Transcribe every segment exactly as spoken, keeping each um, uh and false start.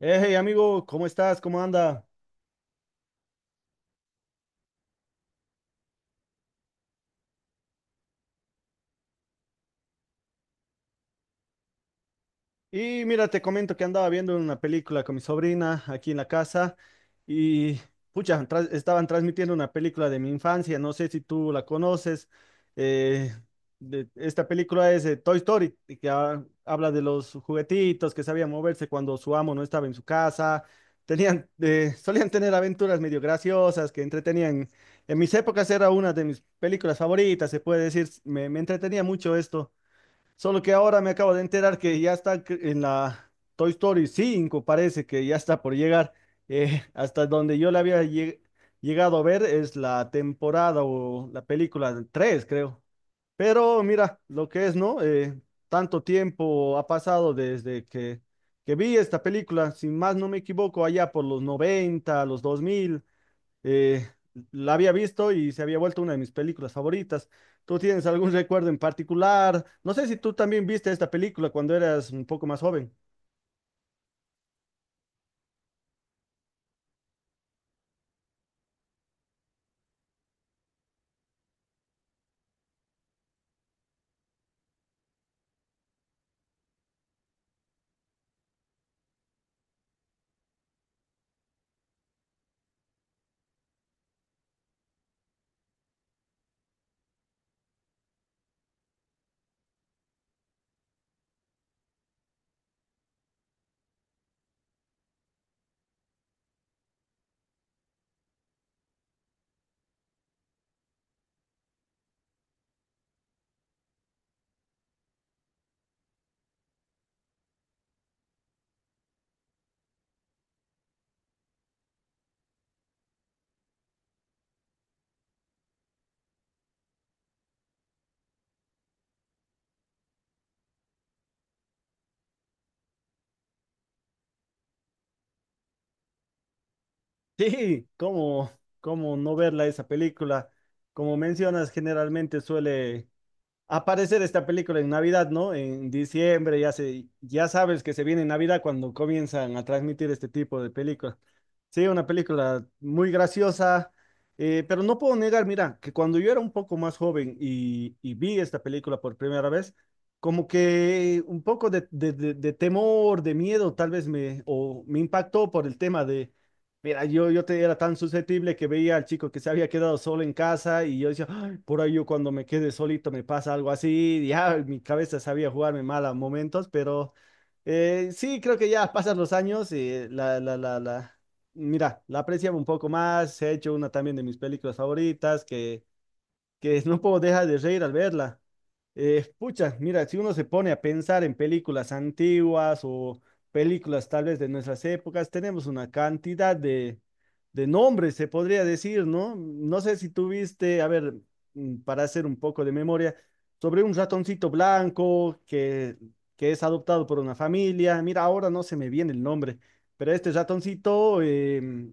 Eh, hey amigo, ¿cómo estás? ¿Cómo anda? Y mira, te comento que andaba viendo una película con mi sobrina aquí en la casa y pucha, tra- estaban transmitiendo una película de mi infancia, no sé si tú la conoces. eh, de- Esta película es eh, Toy Story, y que ha- habla de los juguetitos que sabían moverse cuando su amo no estaba en su casa. Tenían, eh, solían tener aventuras medio graciosas que entretenían. En mis épocas era una de mis películas favoritas, se puede decir, me me entretenía mucho esto. Solo que ahora me acabo de enterar que ya está cre- en la Toy Story cinco parece que ya está por llegar. Eh, hasta donde yo la había lleg- llegado a ver es la temporada o la película tres creo. Pero mira, lo que es, ¿no? Eh, tanto tiempo ha pasado desde que, que vi esta película, si más no me equivoco, allá por los noventa los dos mil eh, la había visto y se había vuelto una de mis películas favoritas. ¿Tú tienes algún recuerdo en particular? No sé si tú también viste esta película cuando eras un poco más joven. Sí, ¿cómo, ¿cómo no verla esa película? Como mencionas, generalmente suele aparecer esta película en Navidad, ¿no? En diciembre, ya se, ya sabes que se viene Navidad cuando comienzan a transmitir este tipo de películas. Sí, una película muy graciosa, eh, pero no puedo negar, mira, que cuando yo era un poco más joven y, y vi esta película por primera vez, como que un poco de, de- de- de temor, de miedo, tal vez me, o me impactó por el tema de, mira, yo, yo te, era tan susceptible que veía al chico que se había quedado solo en casa y yo decía, por ahí yo cuando me quedé solito me pasa algo así, ya mi cabeza sabía jugarme mal a momentos, pero eh, sí, creo que ya pasan los años y la, la, la, la, mira, la apreciaba un poco más, he hecho una también de mis películas favoritas que que no puedo dejar de reír al verla. Eh, pucha, mira, si uno se pone a pensar en películas antiguas o películas tal vez de nuestras épocas, tenemos una cantidad de, de nombres, se podría decir, ¿no? No sé si tuviste, a ver, mm, para hacer un poco de memoria, sobre un ratoncito blanco que, que es adoptado por una familia. Mira, ahora no se me viene el nombre, pero este ratoncito, eh,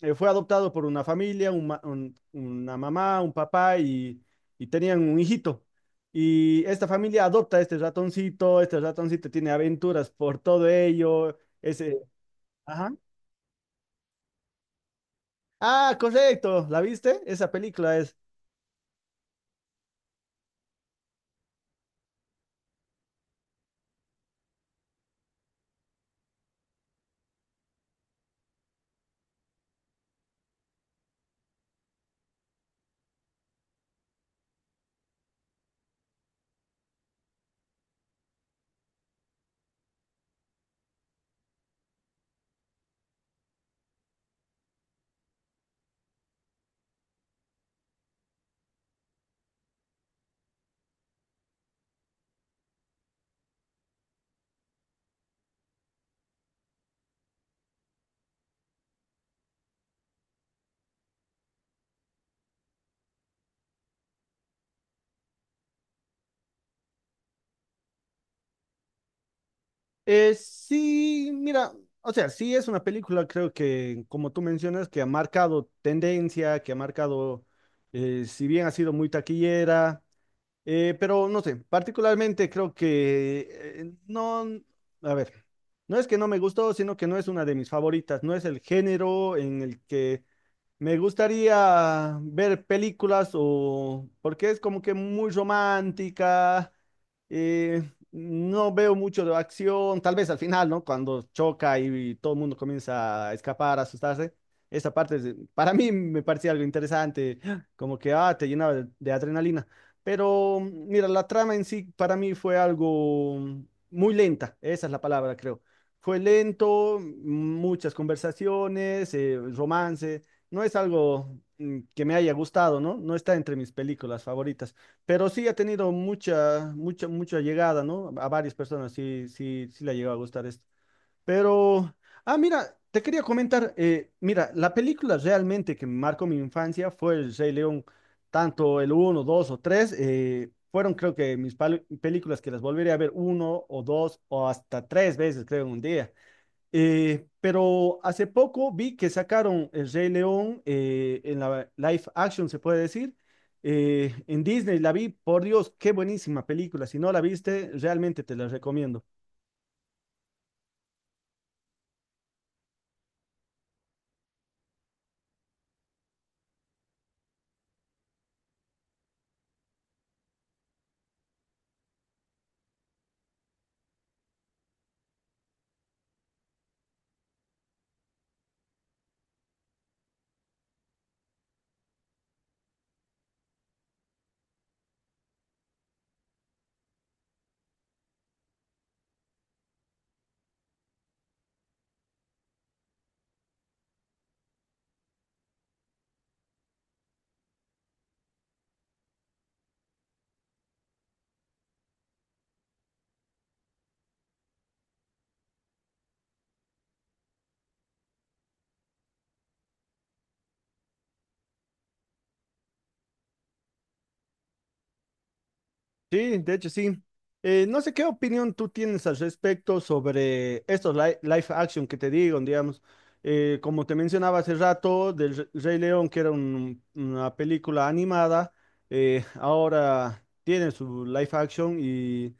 eh, fue adoptado por una familia, un ma- un- una mamá, un papá y, y tenían un hijito. Y esta familia adopta a este ratoncito, este ratoncito tiene aventuras por todo ello. Ese, ajá. Ah, correcto, ¿la viste? Esa película es. Eh, sí, mira, o sea, sí es una película, creo que, como tú mencionas, que ha marcado tendencia, que ha marcado, eh, si bien ha sido muy taquillera. Eh, pero no sé, particularmente creo que eh, no, a ver, no es que no me gustó, sino que no es una de mis favoritas, no es el género en el que me gustaría ver películas o porque es como que muy romántica. eh, no veo mucho de acción, tal vez al final, ¿no? Cuando choca y, todo el mundo comienza a escapar, a asustarse. Esa parte es de- para mí me parecía algo interesante, como que ah, te llenaba de, de adrenalina. Pero mira, la trama en sí para mí fue algo muy lenta, esa es la palabra, creo. Fue lento, muchas conversaciones, eh, romance. No es algo mm, que me haya gustado, ¿no? No está entre mis películas favoritas, pero sí ha tenido mucha, mucha, mucha llegada, ¿no? A varias personas sí, sí, sí le ha llegado a gustar esto. Pero, ah, mira, te quería comentar, eh, mira, la película realmente que marcó mi infancia fue El Rey León, tanto el uno dos o tres, fueron creo que mis pal- películas que las volveré a ver uno o dos o hasta tres veces, creo, en un día. Eh, pero hace poco vi que sacaron El Rey León eh, en la live action, se puede decir, eh, en Disney. La vi, por Dios, qué buenísima película. Si no la viste, realmente te la recomiendo. Sí, de hecho sí. Eh, no sé qué opinión tú tienes al respecto sobre estos li- live action que te digo, digamos. Eh, como te mencionaba hace rato, del Re- Rey León, que era un- una película animada, eh, ahora tiene su live action y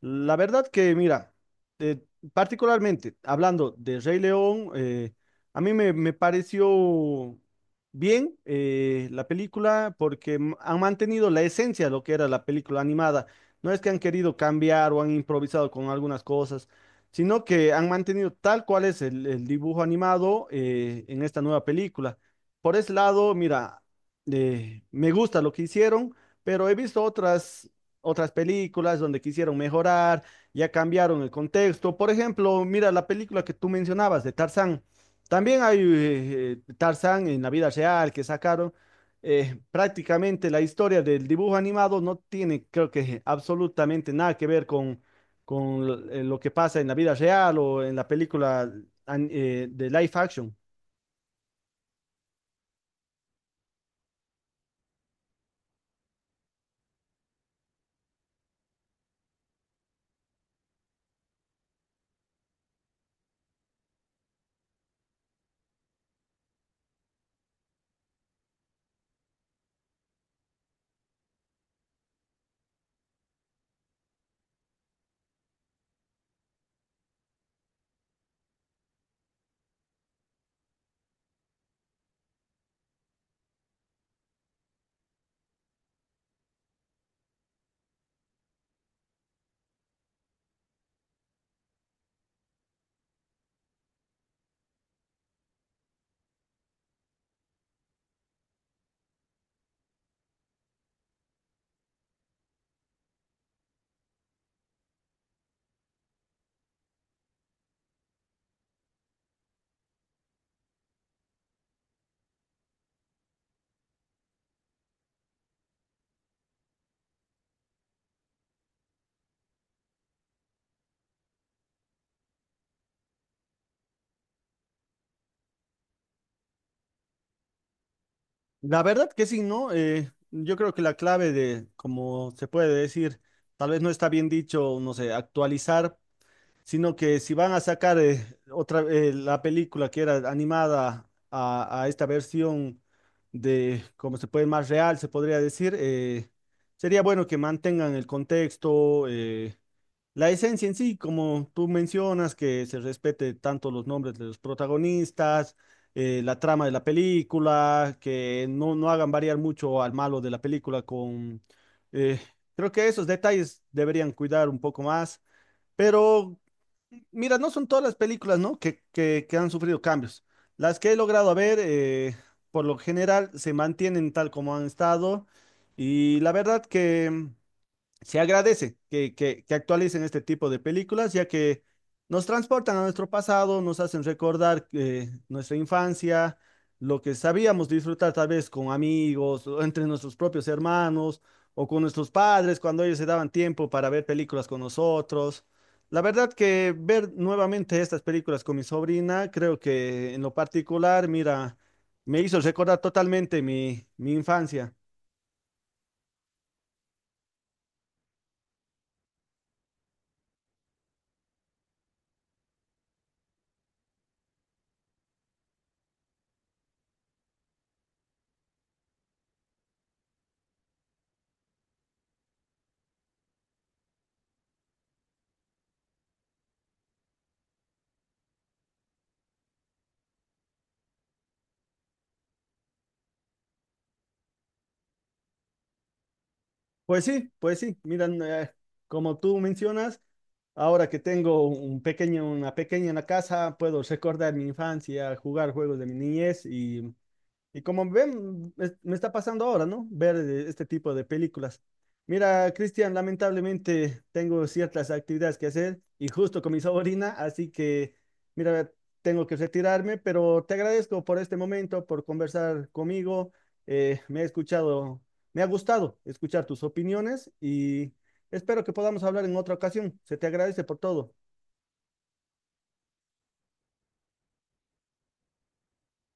la verdad que, mira, eh, particularmente hablando de Rey León, eh, a mí me, me pareció bien eh, la película porque m- han mantenido la esencia de lo que era la película animada. No es que han querido cambiar o han improvisado con algunas cosas, sino que han mantenido tal cual es el, el dibujo animado eh, en esta nueva película. Por ese lado, mira, eh, me gusta lo que hicieron, pero he visto otras, otras películas donde quisieron mejorar, ya cambiaron el contexto. Por ejemplo, mira la película que tú mencionabas de Tarzán. También hay eh, eh, Tarzán en la vida real que sacaron. Eh, prácticamente la historia del dibujo animado no tiene, creo que, absolutamente nada que ver con, con lo eh, lo que pasa en la vida real o en la película an- eh, de live action. La verdad que sí, ¿no? Eh, yo creo que la clave de, como se puede decir, tal vez no está bien dicho, no sé, actualizar sino que si van a sacar eh, otra eh, la película que era animada a, a esta versión de, como se puede, más real, se podría decir, eh, sería bueno que mantengan el contexto, eh, la esencia en sí, como tú mencionas, que se respete tanto los nombres de los protagonistas, eh, la trama de la película, que no, no hagan variar mucho al malo de la película con... eh, creo que esos detalles deberían cuidar un poco más. Pero mira, no son todas las películas, ¿no? Que, que, que han sufrido cambios. Las que he logrado ver, eh, por lo general, se mantienen tal como han estado. Y la verdad que se agradece que, que, que actualicen este tipo de películas, ya que nos transportan a nuestro pasado, nos hacen recordar eh, nuestra infancia, lo que sabíamos disfrutar tal vez con amigos, o entre nuestros propios hermanos o con nuestros padres cuando ellos se daban tiempo para ver películas con nosotros. La verdad que ver nuevamente estas películas con mi sobrina, creo que en lo particular, mira, me hizo recordar totalmente mi, mi infancia. Pues sí, pues sí, miran, eh, como tú mencionas, ahora que tengo un pequeño, una pequeña en la casa, puedo recordar mi infancia, jugar juegos de mi niñez y. Y como ven, es- me está pasando ahora, ¿no? Ver eh, este tipo de películas. Mira, Cristian, lamentablemente tengo ciertas actividades que hacer y justo con mi sobrina, así que, mira, tengo que retirarme, pero te agradezco por este momento, por conversar conmigo. Eh, me he escuchado, me ha gustado escuchar tus opiniones y espero que podamos hablar en otra ocasión. Se te agradece por todo.